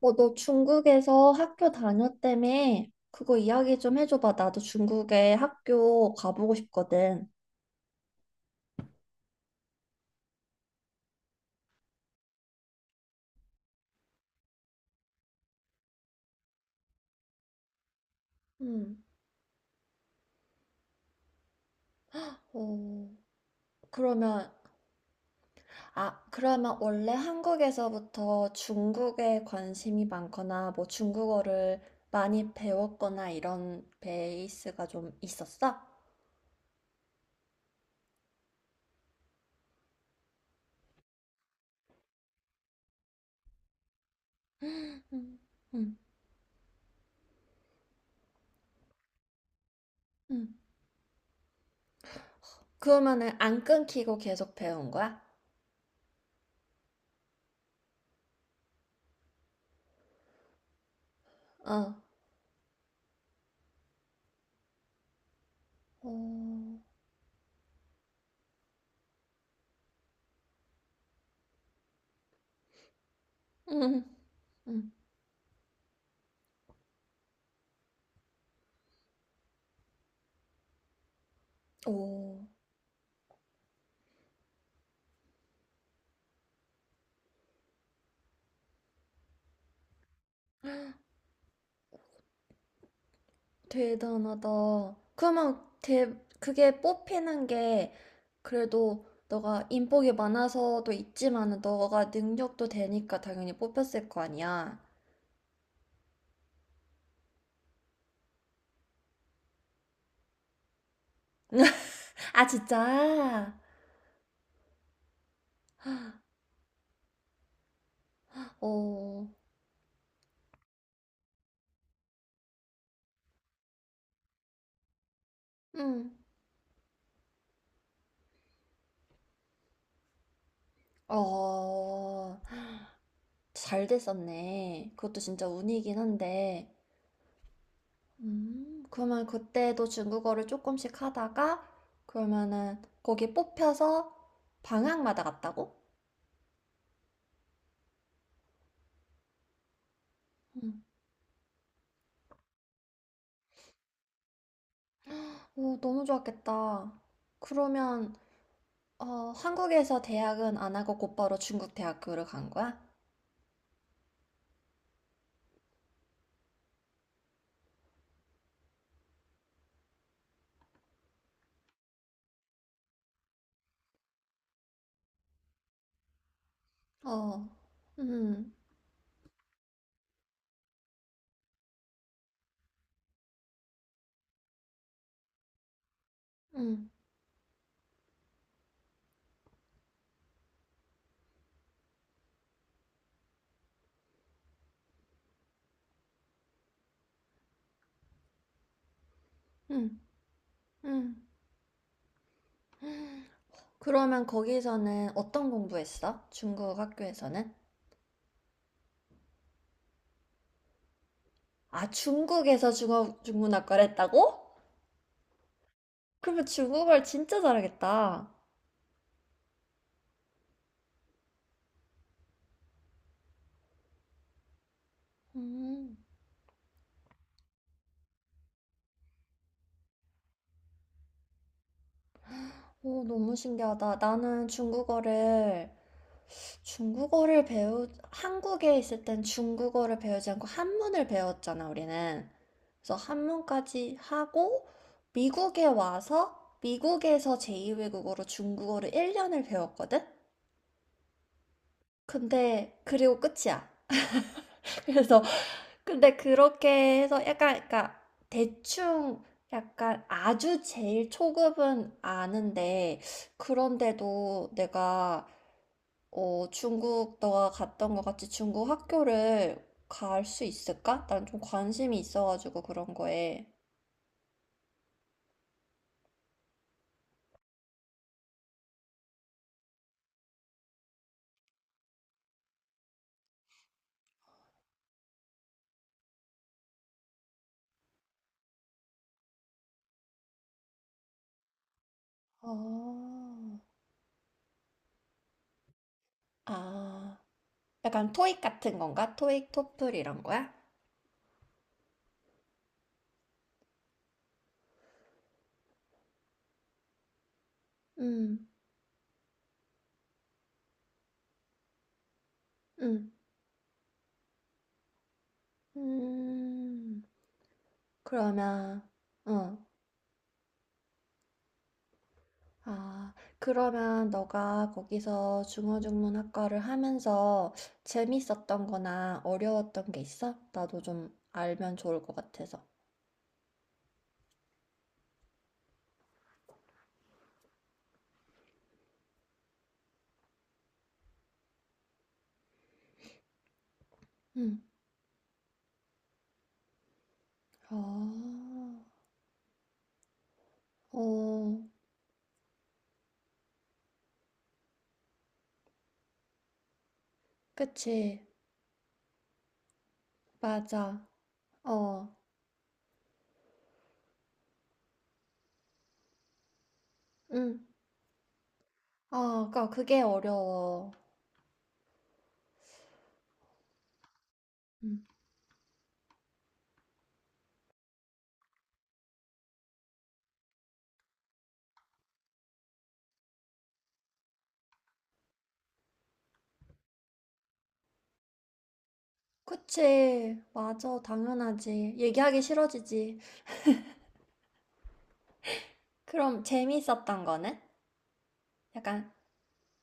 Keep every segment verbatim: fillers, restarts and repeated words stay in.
어, 너 중국에서 학교 다녔다며? 그거 이야기 좀 해줘봐. 나도 중국에 학교 가보고 싶거든. 음. 어, 그러면, 아, 그러면 원래 한국에서부터 중국에 관심이 많거나, 뭐 중국어를 많이 배웠거나 이런 베이스가 좀 있었어? 음, 음, 음. 그러면은 안 끊기고 계속 배운 거야? 어, 어, 음, 음. 오. 대단하다. 그러면 대, 그게 뽑히는 게 그래도 너가 인복이 많아서도 있지만은 너가 능력도 되니까 당연히 뽑혔을 거 아니야. 아, 진짜? 어, 응. 어, 잘 됐었네. 그것도 진짜 운이긴 한데. 음, 그러면 그때도 중국어를 조금씩 하다가 그러면은 거기 뽑혀서 방학마다 갔다고? 음. 오, 너무 좋았겠다. 그러면 어, 한국에서 대학은 안 하고 곧바로 중국 대학교를 간 거야? 어, 음, 음, 음, 음. 그러면 거기서는 어떤 공부했어? 중국 학교에서는? 아, 중국에서 중국 중문학과를 했다고? 그러면 중국어를 진짜 잘하겠다. 음, 오, 너무 신기하다. 나는 중국어를 중국어를 배우, 한국에 있을 땐 중국어를 배우지 않고 한문을 배웠잖아, 우리는. 그래서 한문까지 하고, 미국에 와서, 미국에서 제이 외국어로 중국어를 일 년을 배웠거든? 근데, 그리고 끝이야. 그래서, 근데 그렇게 해서 약간, 그러니까, 대충, 약간 아주 제일 초급은 아는데, 그런데도 내가 어, 중국 너가 갔던 것 같이 중국 학교를 갈 수 있을까? 난 좀 관심이 있어가지고 그런 거에. 어, 아, 약간 토익 같은 건가? 토익, 토플 이런 거야? 음, 음, 음. 그러면, 어, 아, 그러면 너가 거기서 중어중문학과를 하면서 재밌었던 거나 어려웠던 게 있어? 나도 좀 알면 좋을 것 같아서. 응. 아. 어, 그치. 맞아. 어, 응. 아, 그니까 그게 어려워. 응. 그치. 맞아. 당연하지. 얘기하기 싫어지지. 그럼 재밌었던 거는? 약간,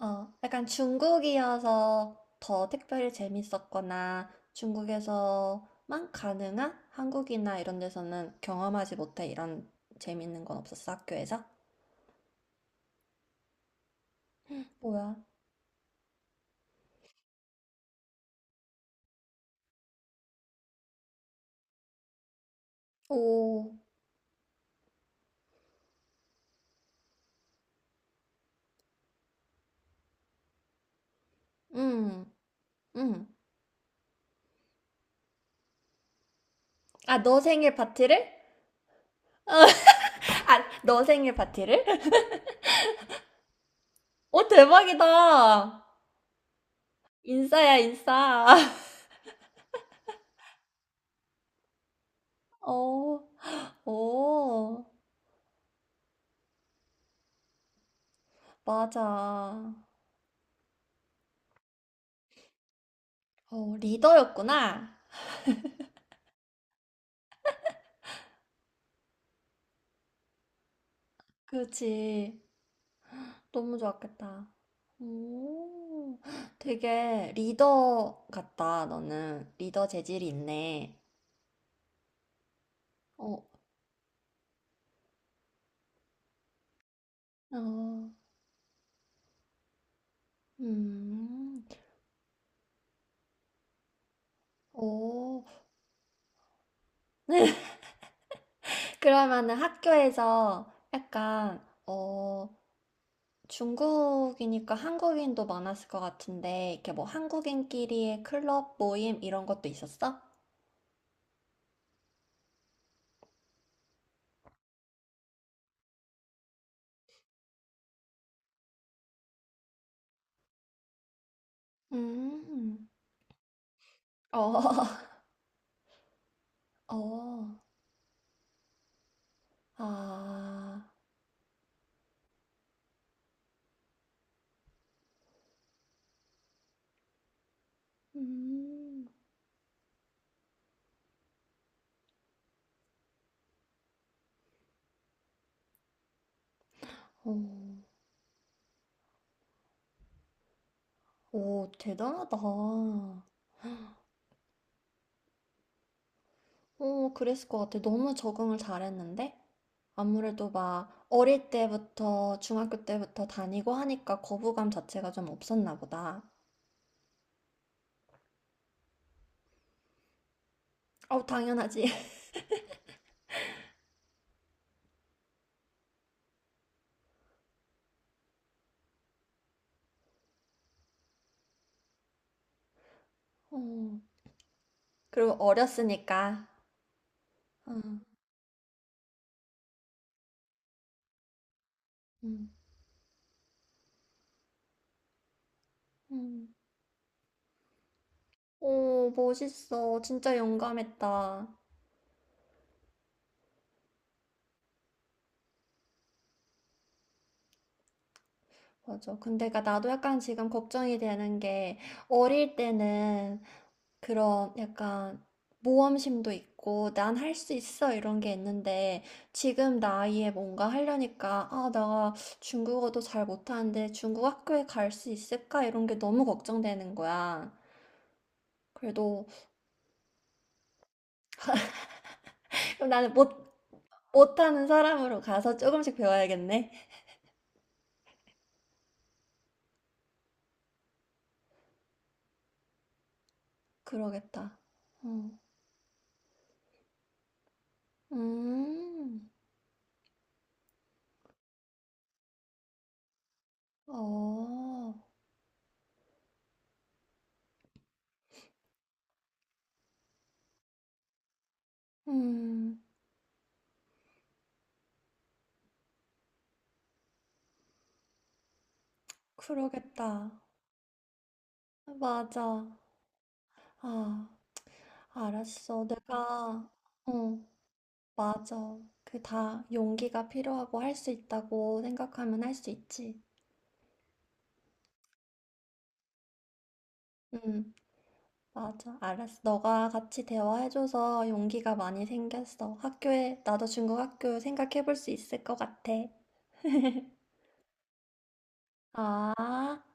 어, 약간 중국이어서 더 특별히 재밌었거나 중국에서만 가능한 한국이나 이런 데서는 경험하지 못해. 이런 재밌는 건 없었어, 학교에서? 뭐야? 오, 응, 응. 아, 너 생일 파티를? 아, 너 생일 파티를? 오, 대박이다. 인싸야, 인싸. 오, 오, 맞아. 어, 리더였구나. 그지. 너무 좋았겠다. 오, 되게 리더 같다, 너는. 리더 재질이 있네. 어, 어, 음, 오. 그러면은 학교에서 약간, 어, 중국이니까 한국인도 많았을 것 같은데, 이렇게 뭐 한국인끼리의 클럽 모임 이런 것도 있었어? 음, 어, 어, 아, 음, 오, 오, 대단하다. 오, 그랬을 것 같아. 너무 적응을 잘했는데? 아무래도 막 어릴 때부터, 중학교 때부터 다니고 하니까 거부감 자체가 좀 없었나 보다. 어, 당연하지. 어, 그리고 어렸으니까. 어, 음. 음. 오, 멋있어. 진짜 용감했다. 맞아. 근데 그 나도 약간 지금 걱정이 되는 게 어릴 때는 그런 약간 모험심도 있고 난 할 수 있어 이런 게 있는데 지금 나이에 뭔가 하려니까 아, 나 중국어도 잘 못하는데 중국 학교에 갈 수 있을까 이런 게 너무 걱정되는 거야. 그래도 그럼 나는 못 못하는 사람으로 가서 조금씩 배워야겠네. 그러겠다. 음. 음. 어, 음, 그러겠다. 맞아. 아, 알았어. 내가, 어, 맞아. 그 다 용기가 필요하고 할 수 있다고 생각하면 할 수 있지. 응 맞아. 알았어. 너가 같이 대화해줘서 용기가 많이 생겼어. 학교에, 나도 중국 학교 생각해볼 수 있을 것 같아. 아.